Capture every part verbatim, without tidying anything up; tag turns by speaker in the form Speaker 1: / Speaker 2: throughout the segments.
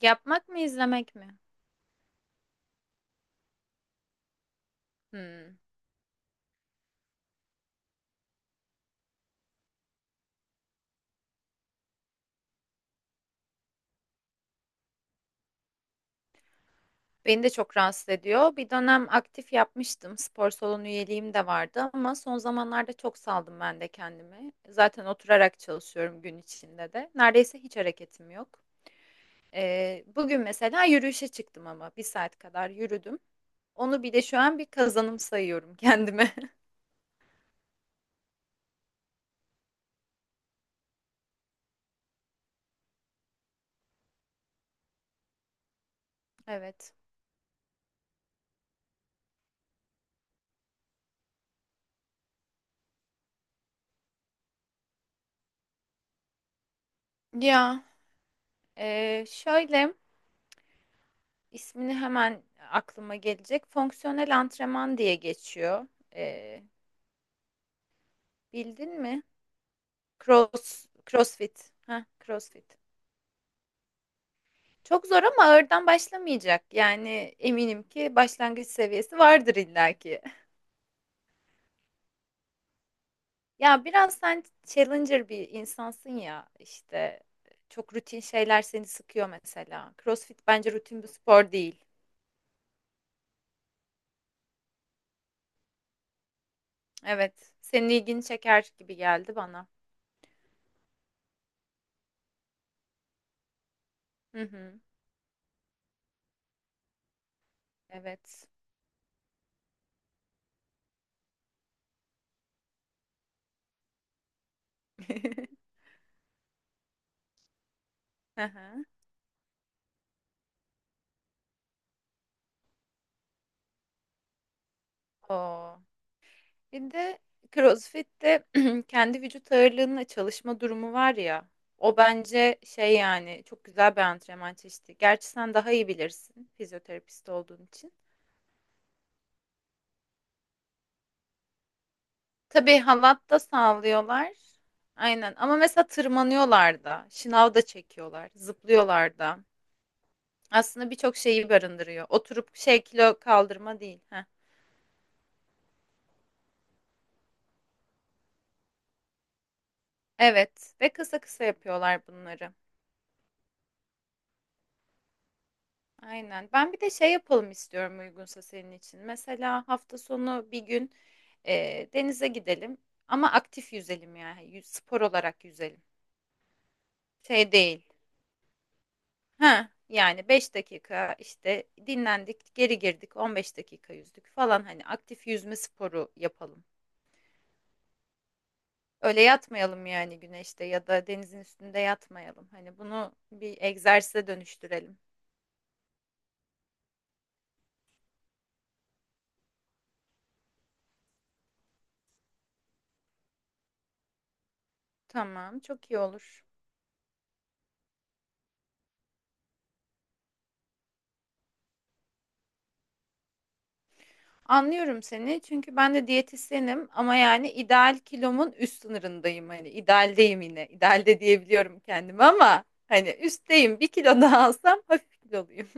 Speaker 1: Yapmak mı izlemek mi? Hmm. Beni de çok rahatsız ediyor. Bir dönem aktif yapmıştım. Spor salonu üyeliğim de vardı ama son zamanlarda çok saldım ben de kendimi. Zaten oturarak çalışıyorum gün içinde de. Neredeyse hiç hareketim yok. Ee, bugün mesela yürüyüşe çıktım ama bir saat kadar yürüdüm. Onu bile şu an bir kazanım sayıyorum kendime. Evet. Ya e, şöyle ismini hemen aklıma gelecek. Fonksiyonel antrenman diye geçiyor. E, Bildin mi? Cross, CrossFit. Ha, CrossFit. Çok zor ama ağırdan başlamayacak. Yani eminim ki başlangıç seviyesi vardır illaki. Ya biraz sen challenger bir insansın ya işte çok rutin şeyler seni sıkıyor mesela. CrossFit bence rutin bir spor değil. Evet, senin ilgini çeker gibi geldi bana. Hı hı. Evet. Hı hı. Oo. Bir de CrossFit'te kendi vücut ağırlığınla çalışma durumu var ya. O bence şey yani çok güzel bir antrenman çeşidi. Gerçi sen daha iyi bilirsin fizyoterapist olduğun için. Tabii halat da sağlıyorlar. Aynen ama mesela tırmanıyorlar da, şınav da çekiyorlar, zıplıyorlar da. Aslında birçok şeyi barındırıyor. Oturup şey kilo kaldırma değil. Heh. Evet ve kısa kısa yapıyorlar bunları. Aynen. Ben bir de şey yapalım istiyorum uygunsa senin için. Mesela hafta sonu bir gün e, denize gidelim ama aktif yüzelim yani. Yüz- Spor olarak yüzelim. Şey değil. Ha yani beş dakika işte dinlendik, geri girdik, on beş dakika yüzdük falan hani aktif yüzme sporu yapalım. Öyle yatmayalım yani güneşte ya da denizin üstünde yatmayalım. Hani bunu bir egzersize dönüştürelim. Tamam, çok iyi olur. Anlıyorum seni çünkü ben de diyetisyenim ama yani ideal kilomun üst sınırındayım hani idealdeyim yine idealde diyebiliyorum kendime ama hani üstteyim bir kilo daha alsam hafif kiloluyum.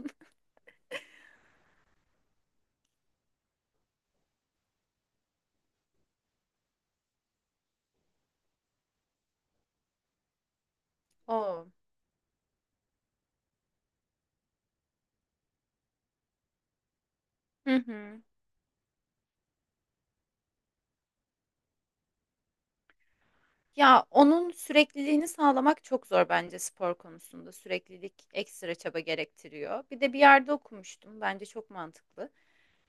Speaker 1: Oo. Hı hı. Ya onun sürekliliğini sağlamak çok zor bence spor konusunda süreklilik ekstra çaba gerektiriyor. Bir de bir yerde okumuştum bence çok mantıklı.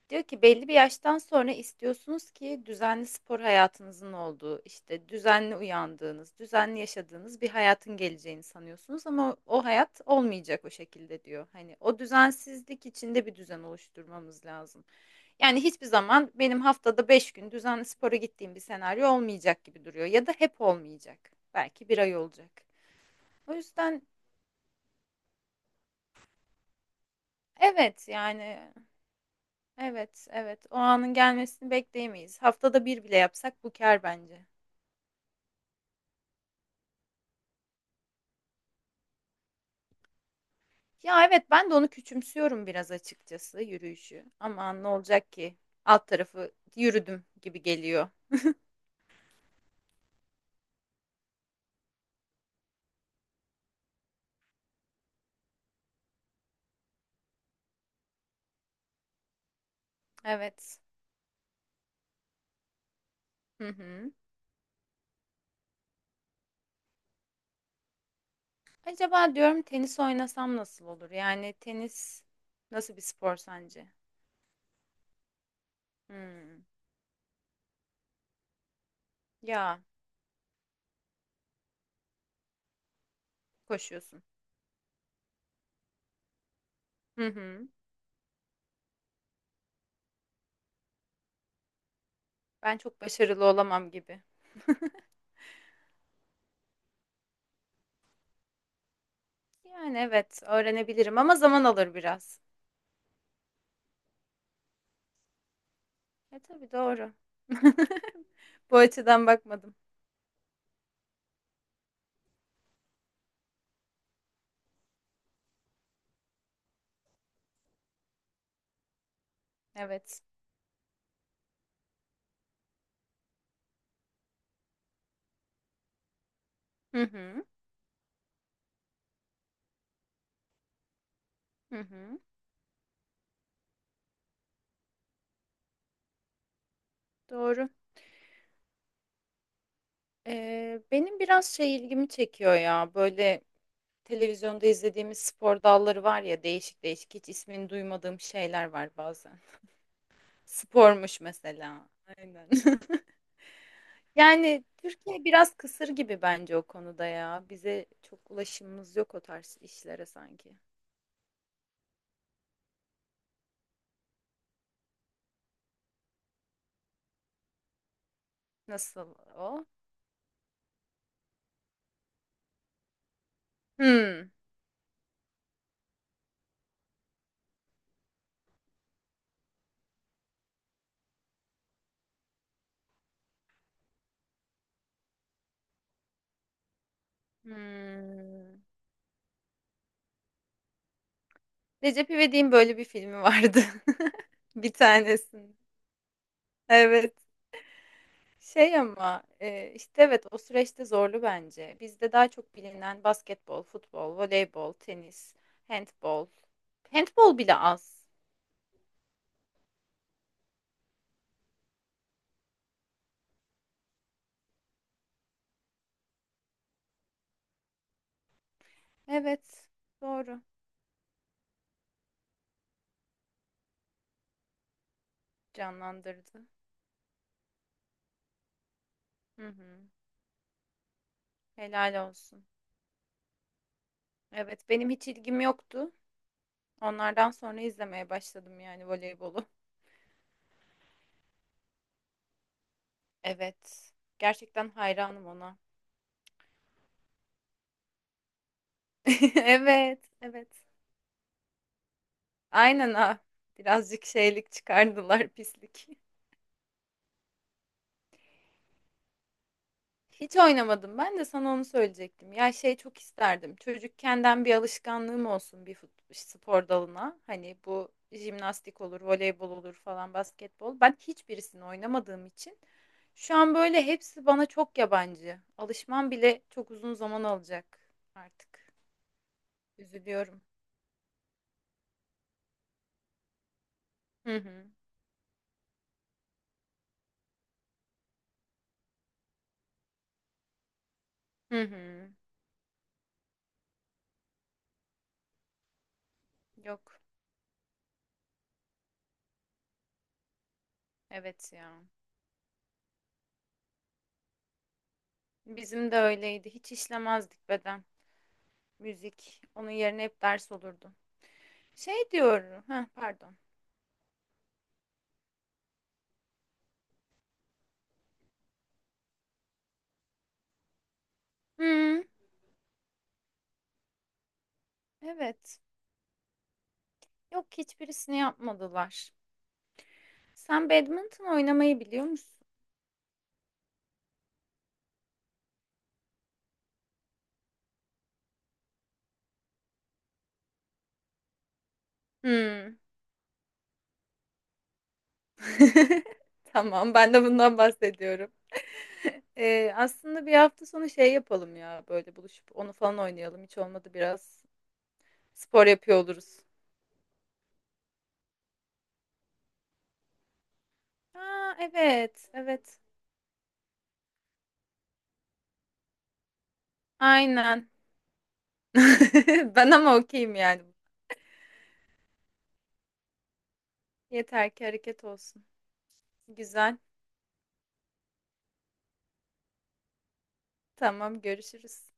Speaker 1: Diyor ki belli bir yaştan sonra istiyorsunuz ki düzenli spor hayatınızın olduğu, işte düzenli uyandığınız, düzenli yaşadığınız bir hayatın geleceğini sanıyorsunuz ama o hayat olmayacak o şekilde diyor. Hani o düzensizlik içinde bir düzen oluşturmamız lazım. Yani hiçbir zaman benim haftada beş gün düzenli spora gittiğim bir senaryo olmayacak gibi duruyor ya da hep olmayacak. Belki bir ay olacak. O yüzden evet yani. Evet, evet. O anın gelmesini bekleyemeyiz. Haftada bir bile yapsak bu kâr bence. Ya evet ben de onu küçümsüyorum biraz açıkçası yürüyüşü. Aman ne olacak ki? Alt tarafı yürüdüm gibi geliyor. Evet. Hı hı. Acaba diyorum tenis oynasam nasıl olur? Yani tenis nasıl bir spor sence? Hmm. Ya koşuyorsun. Hı hı. Ben çok başarılı olamam gibi. Yani evet öğrenebilirim ama zaman alır biraz. E tabii doğru. Bu açıdan bakmadım. Evet. Hı hı. Hı hı. Doğru. Ee, benim biraz şey ilgimi çekiyor ya böyle televizyonda izlediğimiz spor dalları var ya değişik değişik hiç ismini duymadığım şeyler var bazen. Spormuş mesela. Aynen. Yani Türkiye biraz kısır gibi bence o konuda ya. Bize çok ulaşımımız yok o tarz işlere sanki. Nasıl o? Hmm. Hmm. Recep İvedik'in böyle bir filmi vardı. Bir tanesini. Evet. Şey ama, eee, işte, evet, o süreçte zorlu bence. Bizde daha çok bilinen basketbol, futbol, voleybol, tenis, handbol. Handbol bile az. Evet, doğru. Canlandırdı. Hı hı. Helal olsun. Evet, benim hiç ilgim yoktu. Onlardan sonra izlemeye başladım yani voleybolu. Evet. Gerçekten hayranım ona. Evet, evet. Aynen ha. Birazcık şeylik çıkardılar, pislik. Hiç oynamadım. Ben de sana onu söyleyecektim. Ya şey çok isterdim. Çocukkenden bir alışkanlığım olsun bir fut- spor dalına. Hani bu jimnastik olur, voleybol olur falan, basketbol. Ben hiçbirisini oynamadığım için şu an böyle hepsi bana çok yabancı. Alışmam bile çok uzun zaman alacak artık. Üzülüyorum. Hı hı. Hı hı. Yok. Evet ya. Bizim de öyleydi. Hiç işlemezdik beden. Müzik. Onun yerine hep ders olurdu. Şey diyorum. Ha, pardon. Hmm, evet. Yok hiçbirisini yapmadılar. Sen badminton oynamayı biliyor musun? Hmm. Tamam, ben de bundan bahsediyorum. Ee, aslında bir hafta sonu şey yapalım ya böyle buluşup onu falan oynayalım. Hiç olmadı biraz spor yapıyor oluruz. Aa, evet, evet. Aynen. Ben ama okeyim yani. Yeter ki hareket olsun. Güzel. Tamam, görüşürüz.